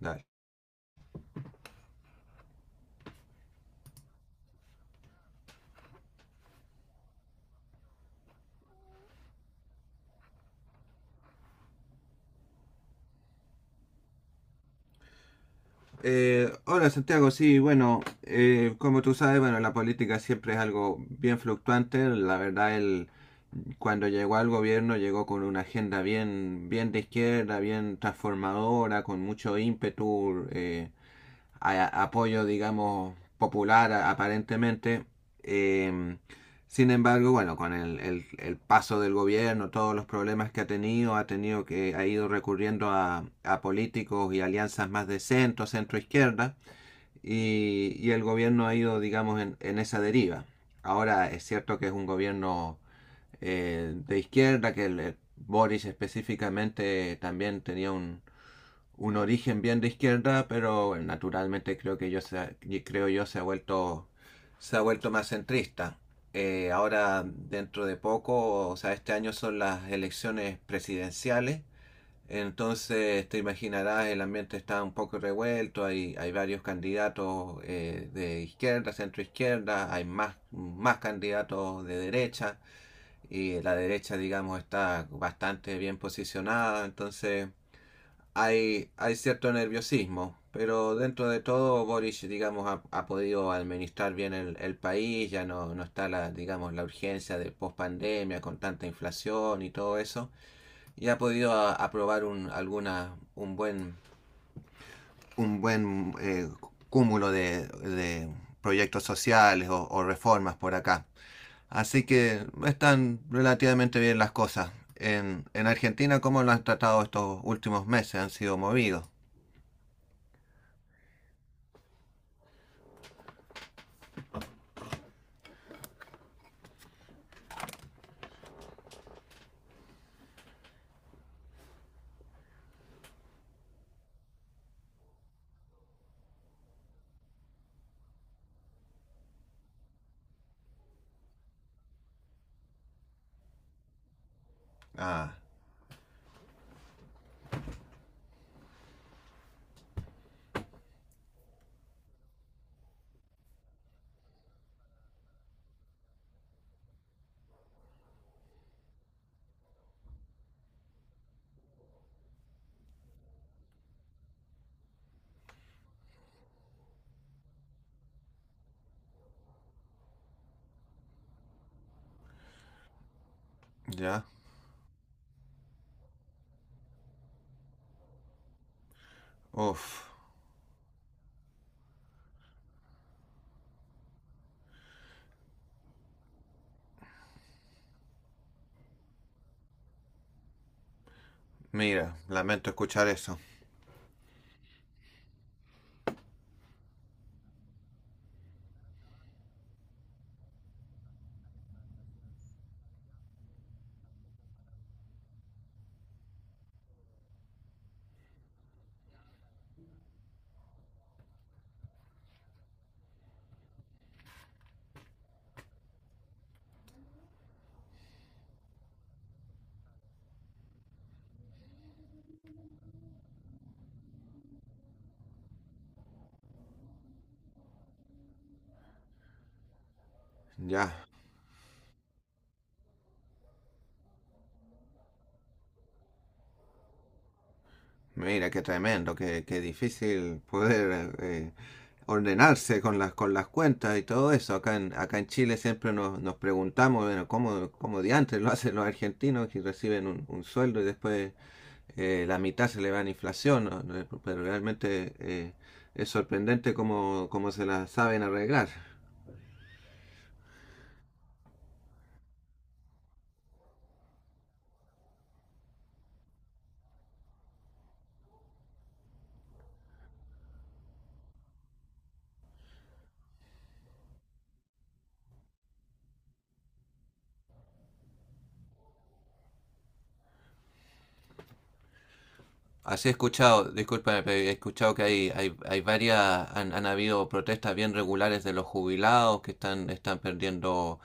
Dale. Hola, Santiago. Sí, bueno, como tú sabes, bueno, la política siempre es algo bien fluctuante. La verdad, él cuando llegó al gobierno llegó con una agenda bien de izquierda, bien transformadora, con mucho ímpetu. A apoyo, digamos, popular aparentemente. Eh, Sin embargo, bueno, con el paso del gobierno, todos los problemas que ha tenido que ha ido recurriendo a políticos y alianzas más de centro, centro izquierda, y el gobierno ha ido, digamos, en esa deriva. Ahora es cierto que es un gobierno de izquierda, que el Boris específicamente también tenía un origen bien de izquierda, pero naturalmente creo yo se ha vuelto más centrista. Ahora dentro de poco, o sea, este año son las elecciones presidenciales, entonces te imaginarás el ambiente está un poco revuelto, hay varios candidatos de izquierda, centro izquierda, hay más candidatos de derecha y la derecha digamos está bastante bien posicionada, entonces hay cierto nerviosismo, pero dentro de todo Boric, digamos, ha, ha podido administrar bien el país, ya no, no está la, digamos, la urgencia de pospandemia con tanta inflación y todo eso, y ha podido aprobar un buen cúmulo de proyectos sociales o reformas por acá. Así que no están relativamente bien las cosas. En Argentina, ¿cómo lo han tratado estos últimos meses? Han sido movidos. Ah. Ya. Uf. Mira, lamento escuchar eso. Ya. Mira, qué tremendo, qué, qué difícil poder ordenarse con las cuentas y todo eso. Acá en, acá en Chile siempre nos, nos preguntamos, bueno, ¿cómo, cómo diantres lo hacen los argentinos que reciben un sueldo y después la mitad se le va en inflación? ¿No? No, pero realmente es sorprendente cómo, cómo se las saben arreglar. Así he escuchado, disculpa, pero he escuchado que hay, hay varias, han, han habido protestas bien regulares de los jubilados que están, están perdiendo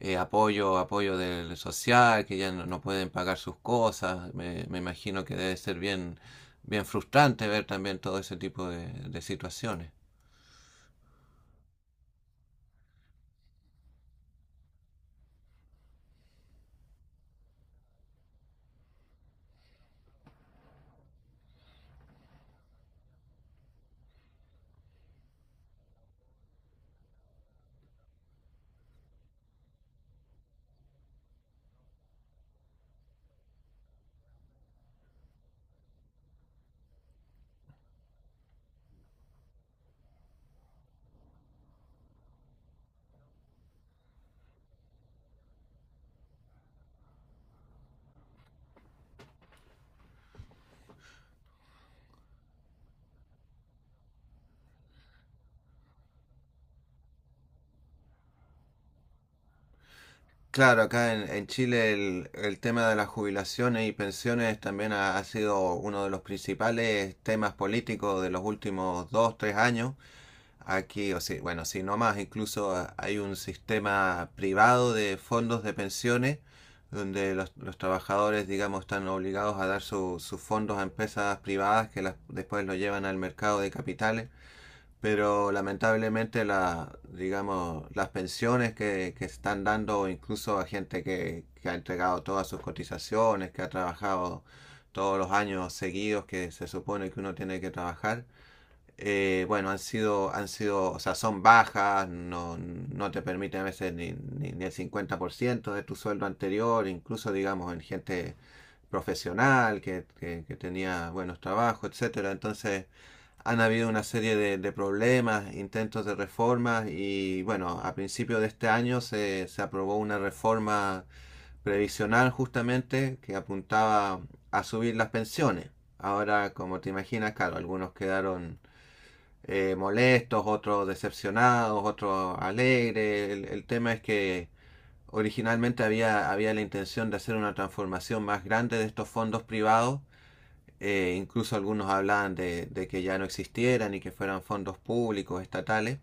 apoyo, apoyo del social, que ya no, no pueden pagar sus cosas. Me imagino que debe ser bien, bien frustrante ver también todo ese tipo de situaciones. Claro, acá en Chile el tema de las jubilaciones y pensiones también ha, ha sido uno de los principales temas políticos de los últimos dos, tres años. Aquí, o si bueno, si no más, incluso ah, hay un sistema privado de fondos de pensiones donde los trabajadores, digamos, están obligados a dar sus fondos a empresas privadas que las, después lo llevan al mercado de capitales. Pero lamentablemente, la, digamos, las pensiones que están dando incluso a gente que ha entregado todas sus cotizaciones, que ha trabajado todos los años seguidos que se supone que uno tiene que trabajar, bueno, han sido, o sea, son bajas, no, no te permiten a veces ni, ni, ni el 50% de tu sueldo anterior, incluso digamos en gente profesional que, que tenía buenos trabajos, etcétera. Entonces, han habido una serie de problemas, intentos de reformas y bueno, a principio de este año se, se aprobó una reforma previsional justamente que apuntaba a subir las pensiones. Ahora, como te imaginas, claro, algunos quedaron molestos, otros decepcionados, otros alegres. El tema es que originalmente había, había la intención de hacer una transformación más grande de estos fondos privados. Incluso algunos hablaban de que ya no existieran y que fueran fondos públicos, estatales,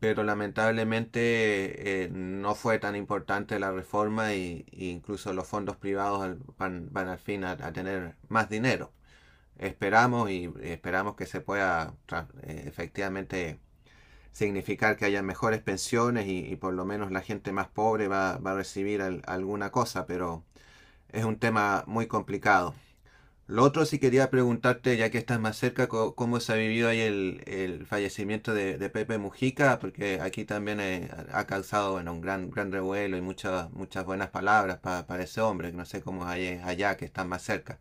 pero lamentablemente no fue tan importante la reforma y incluso los fondos privados van, van al fin a tener más dinero. Esperamos y esperamos que se pueda efectivamente significar que haya mejores pensiones y por lo menos la gente más pobre va, va a recibir alguna cosa, pero es un tema muy complicado. Lo otro sí quería preguntarte, ya que estás más cerca, cómo se ha vivido ahí el fallecimiento de Pepe Mujica, porque aquí también ha causado bueno, un gran, gran revuelo y muchas, muchas buenas palabras para ese hombre, que no sé cómo es allá, que estás más cerca.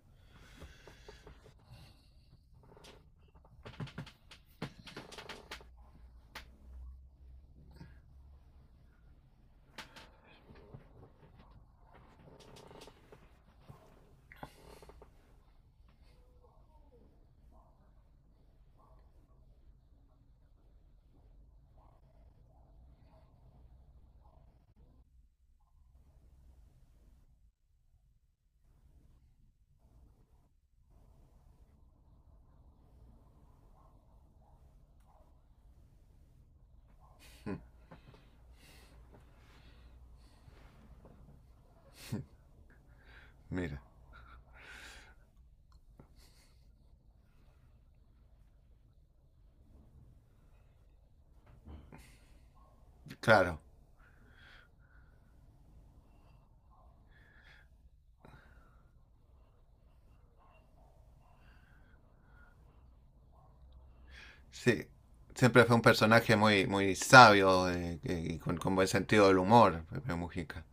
Mira, claro. Sí, siempre fue un personaje muy, muy sabio y con buen sentido del humor, Pepe Mujica.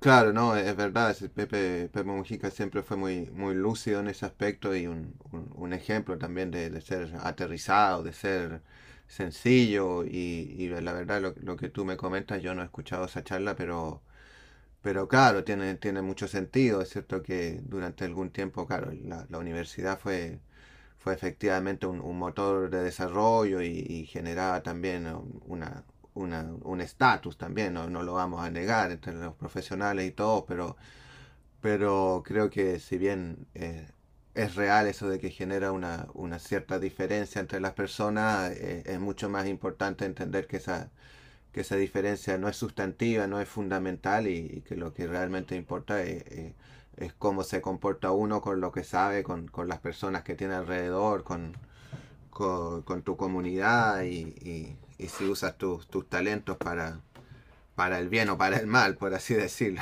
Claro, no, es verdad, ese Pepe, Pepe Mujica siempre fue muy, muy lúcido en ese aspecto y un, un ejemplo también de ser aterrizado, de ser sencillo y la verdad lo que tú me comentas, yo no he escuchado esa charla, pero claro, tiene, tiene mucho sentido. Es cierto que durante algún tiempo, claro, la universidad fue, fue efectivamente un motor de desarrollo y generaba también una, un estatus también, no, no lo vamos a negar entre los profesionales y todo, pero creo que si bien es real eso de que genera una cierta diferencia entre las personas, es mucho más importante entender que esa diferencia no es sustantiva, no es fundamental y que lo que realmente importa es, cómo se comporta uno con lo que sabe, con las personas que tiene alrededor, con tu comunidad y si usas tus talentos para el bien o para el mal, por así decirlo.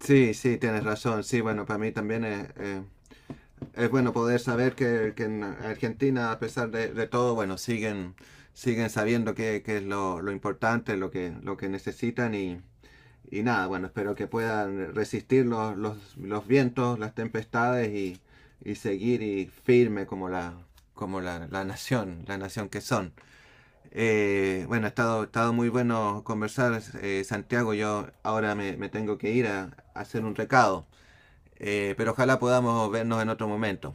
Sí, sí, tienes razón. Sí, bueno, para mí también es bueno poder saber que en Argentina, a pesar de todo, bueno, siguen, siguen sabiendo qué es lo importante, lo que necesitan y nada, bueno, espero que puedan resistir los vientos, las tempestades y seguir y firme como la, la nación que son. Bueno, ha estado muy bueno conversar, Santiago. Yo ahora me, me tengo que ir a hacer un recado, pero ojalá podamos vernos en otro momento.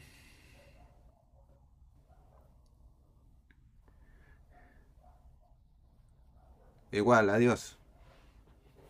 Igual, adiós.